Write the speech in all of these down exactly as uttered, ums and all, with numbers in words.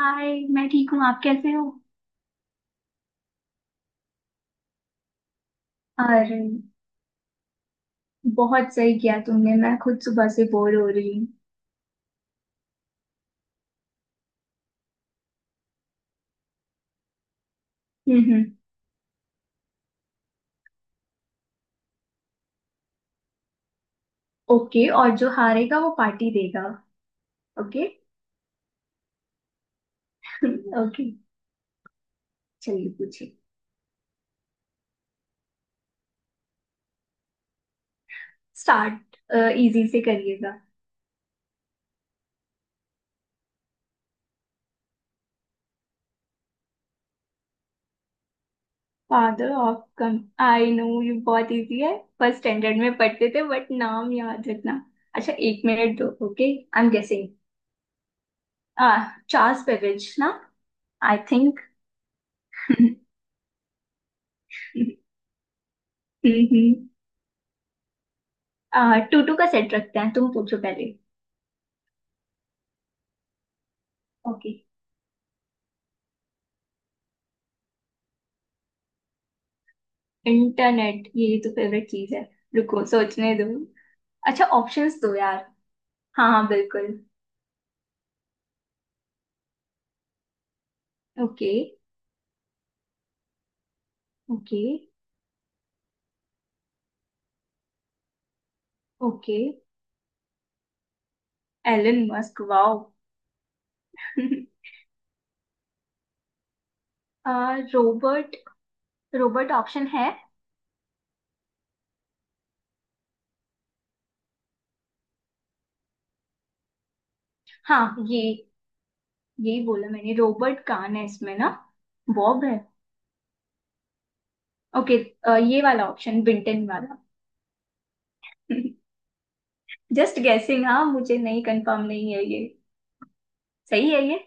हाय। मैं ठीक हूँ, आप कैसे हो? अरे, बहुत सही किया तुमने। मैं खुद सुबह से बोर हो रही हूँ। हम्म। ओके, और जो हारेगा वो पार्टी देगा। ओके। ओके, चलिए पूछिए। स्टार्ट, इजी से करिएगा। फादर ऑफ कम आई नो ये बहुत इजी है। फर्स्ट स्टैंडर्ड में पढ़ते थे, बट नाम याद रखना। अच्छा, एक मिनट दो। Okay. I am guessing. Uh Charles Babbage ना। I think. Hmm. Two two का सेट रखते हैं, तुम पूछो पहले। ओके। इंटरनेट? ये तो फेवरेट चीज है। रुको, सोचने दो। अच्छा, ऑप्शंस दो यार। हाँ हाँ, बिल्कुल। Okay okay okay, Elon Musk, wow. आ, रोबर्ट रोबर्ट ऑप्शन है? हाँ ये, यही बोला मैंने। रोबर्ट कान है इसमें ना? बॉब है। ओके। आ, ये वाला ऑप्शन, बिंटन वाला। Just guessing. हाँ, मुझे नहीं, कंफर्म नहीं है ये। सही है।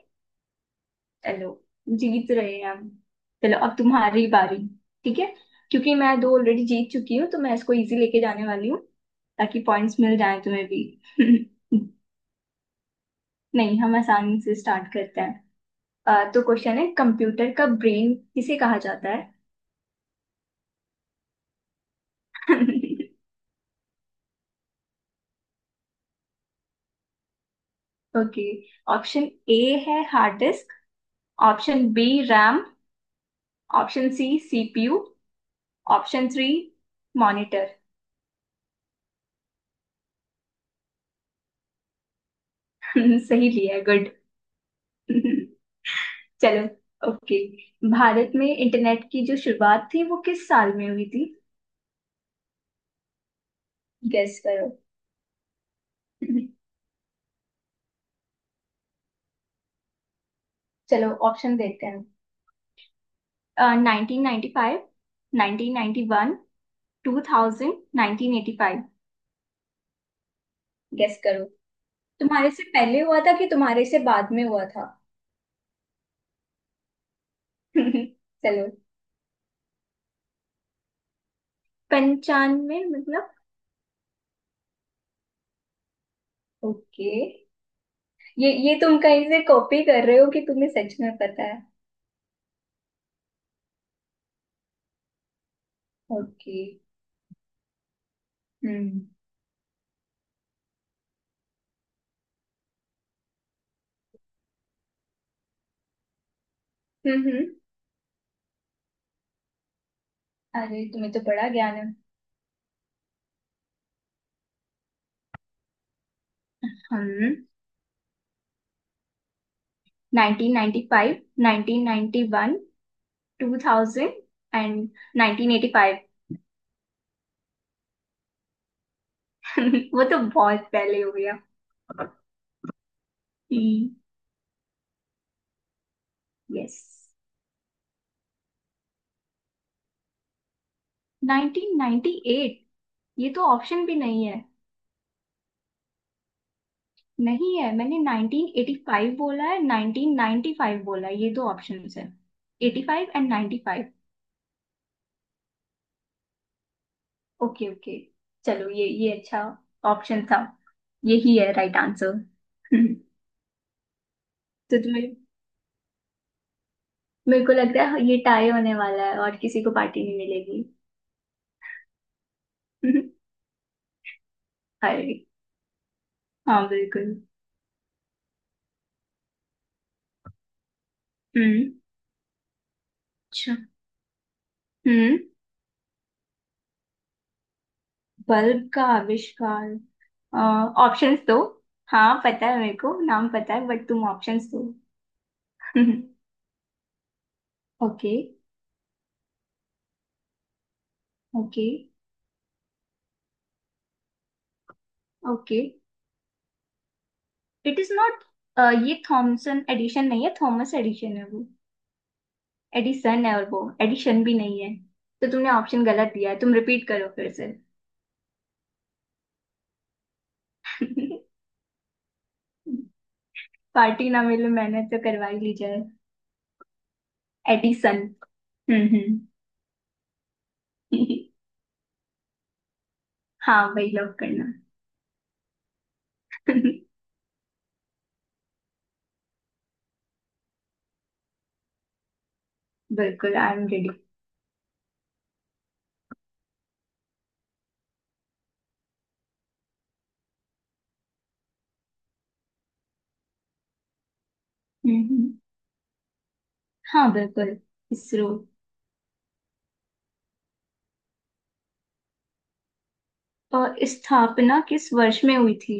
चलो, जीत रहे हैं हम। चलो, अब तुम्हारी बारी। ठीक है। क्योंकि मैं दो ऑलरेडी जीत चुकी हूँ, तो मैं इसको इजी लेके जाने वाली हूँ। ताकि पॉइंट्स मिल जाए तुम्हें भी। नहीं, हम आसानी से स्टार्ट करते हैं। अ, तो क्वेश्चन है, कंप्यूटर का ब्रेन किसे कहा जाता है? ओके। ऑप्शन ए है hard disk. Option B, RAM. Option C, CPU. Option three, monitor. सही लिया है, गुड। चलो। ओके। भारत में इंटरनेट की जो शुरुआत थी, वो किस साल में हुई थी? गेस करो। चलो, ऑप्शन देते हैं। Nineteen ninety five, nineteen ninety one, two thousand, nineteen eighty five. Guess करो, तुम्हारे से पहले हुआ था कि तुम्हारे से बाद में हुआ था? चलो, पंचानवे मतलब। ओके। ये ये तुम कहीं से कॉपी कर रहे हो कि तुम्हें सच में पता है? ओके। हम्म हम्म हम्म। अरे, तुम्हें तो बड़ा ज्ञान है। हम। Nineteen ninety five, nineteen ninety one, two thousand and nineteen eighty five. वो तो बहुत पहले हो गया। यस। Nineteen ninety eight? ये तो ऑप्शन भी नहीं है। नहीं है। मैंने नाइनटीन एटी फाइव बोला है, नाइनटीन नाइन्टी फाइव बोला है, ये दो ऑप्शन है। Eighty five and ninety five. Okay okay, चलो, ये ये अच्छा ऑप्शन था। यही है राइट आंसर। तो तुम्हें मेरे को लग रहा है ये टाई होने वाला है और किसी को पार्टी नहीं मिलेगी। हाय। हाँ, बिल्कुल। हम्म। अच्छा। हम्म, बल्ब का आविष्कार? ऑप्शंस दो। हाँ पता है, मेरे को नाम पता है, बट तुम ऑप्शंस दो। Okay okay okay, it is not. ये थॉमसन एडिशन नहीं है, थॉमस एडिशन है वो। एडिसन है, और वो एडिशन भी नहीं है। तो तुमने ऑप्शन गलत दिया है, तुम रिपीट करो फिर से। पार्टी ना मिले, मैंने तो करवा ही ली जाए। एडिसन। हम्म हम्म। हाँ, वही लॉक करना। बिल्कुल, आई एम रेडी। हम्म। हाँ बिल्कुल, इसरो। अ, स्थापना किस वर्ष में हुई थी?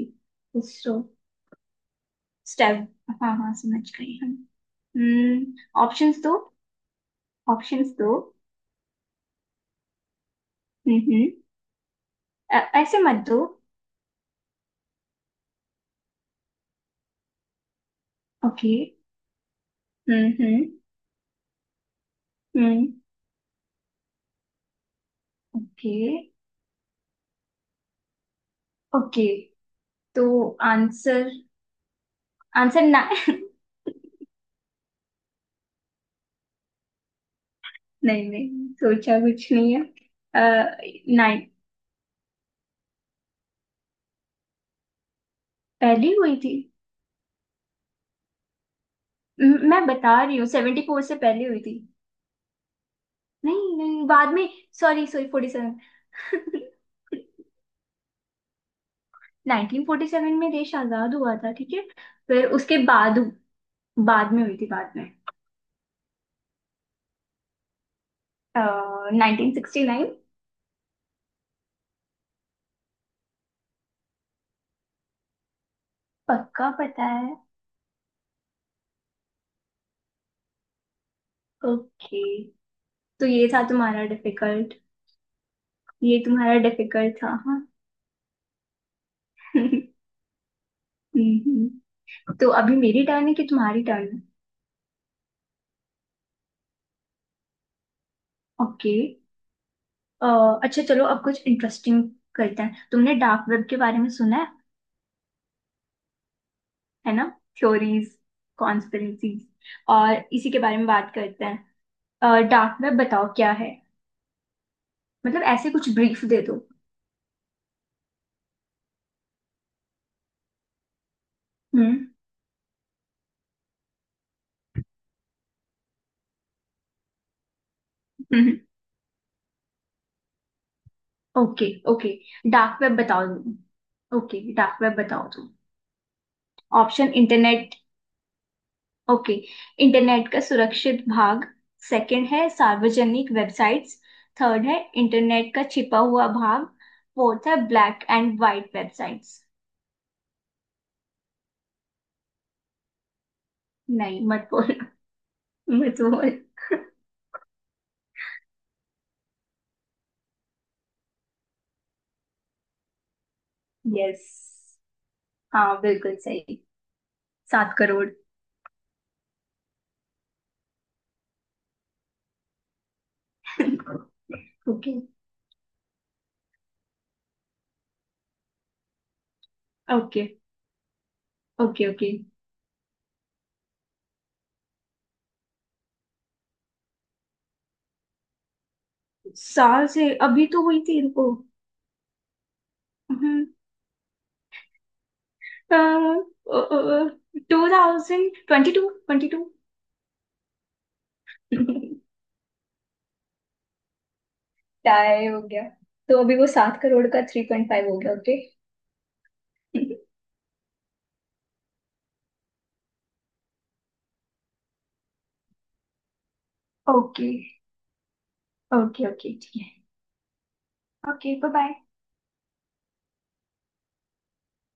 इसरो, स्टेप, हाँ हाँ समझ गई हम। हम्म, ऑप्शंस दो। ऑप्शंस दो। हम्म हम्म, अ, ऐसे मत दो। ओके। हम्म हम्म हम्म। ओके ओके, तो आंसर। आंसर ना। नहीं नहीं, सोचा कुछ नहीं है। अ, नाइन, पहली हुई थी। म- मैं बता रही हूँ, सेवेंटी फोर से पहले हुई थी। नहीं नहीं, बाद में। Sorry sorry, forty seven. Nineteen forty seven में देश आजाद हुआ था, ठीक है। फिर उसके बाद, बाद में हुई थी, बाद में। Nineteen sixty nine. पक्का पता है। ओके, तो ये था तुम्हारा डिफिकल्ट। ये तुम्हारा डिफिकल्ट था, हाँ। हम्म। तो अभी मेरी टर्न है कि तुम्हारी टर्न है? ओके, अच्छा, चलो अब कुछ इंटरेस्टिंग करते हैं। तुमने डार्क वेब के बारे में सुना, है ना? थ्योरीज, कॉन्स्पिरेसीज, और इसी के बारे में बात करते हैं। डार्क वेब बताओ क्या है, मतलब ऐसे कुछ ब्रीफ दे दो। हम्म, ओके ओके, डार्क वेब बताओ तुम। ओके, डार्क वेब बताओ तुम। Option, internet, okay. इंटरनेट का सुरक्षित भाग। सेकंड है सार्वजनिक वेबसाइट्स। थर्ड है इंटरनेट का छिपा हुआ भाग। फोर्थ है ब्लैक एंड वाइट वेबसाइट्स। नहीं, मत बोल। मत बोल। यस, हाँ बिल्कुल सही। सात crore. Okay okay okay okay, साल से? अभी तो हुई थी इनको। Two thousand twenty two, twenty two. Tie हो गया। तो अभी वो सात करोड़ का थ्री पॉइंट फाइव हो गया। ओके ओके ओके, ओके ठीक है, ओके, बाय बाय।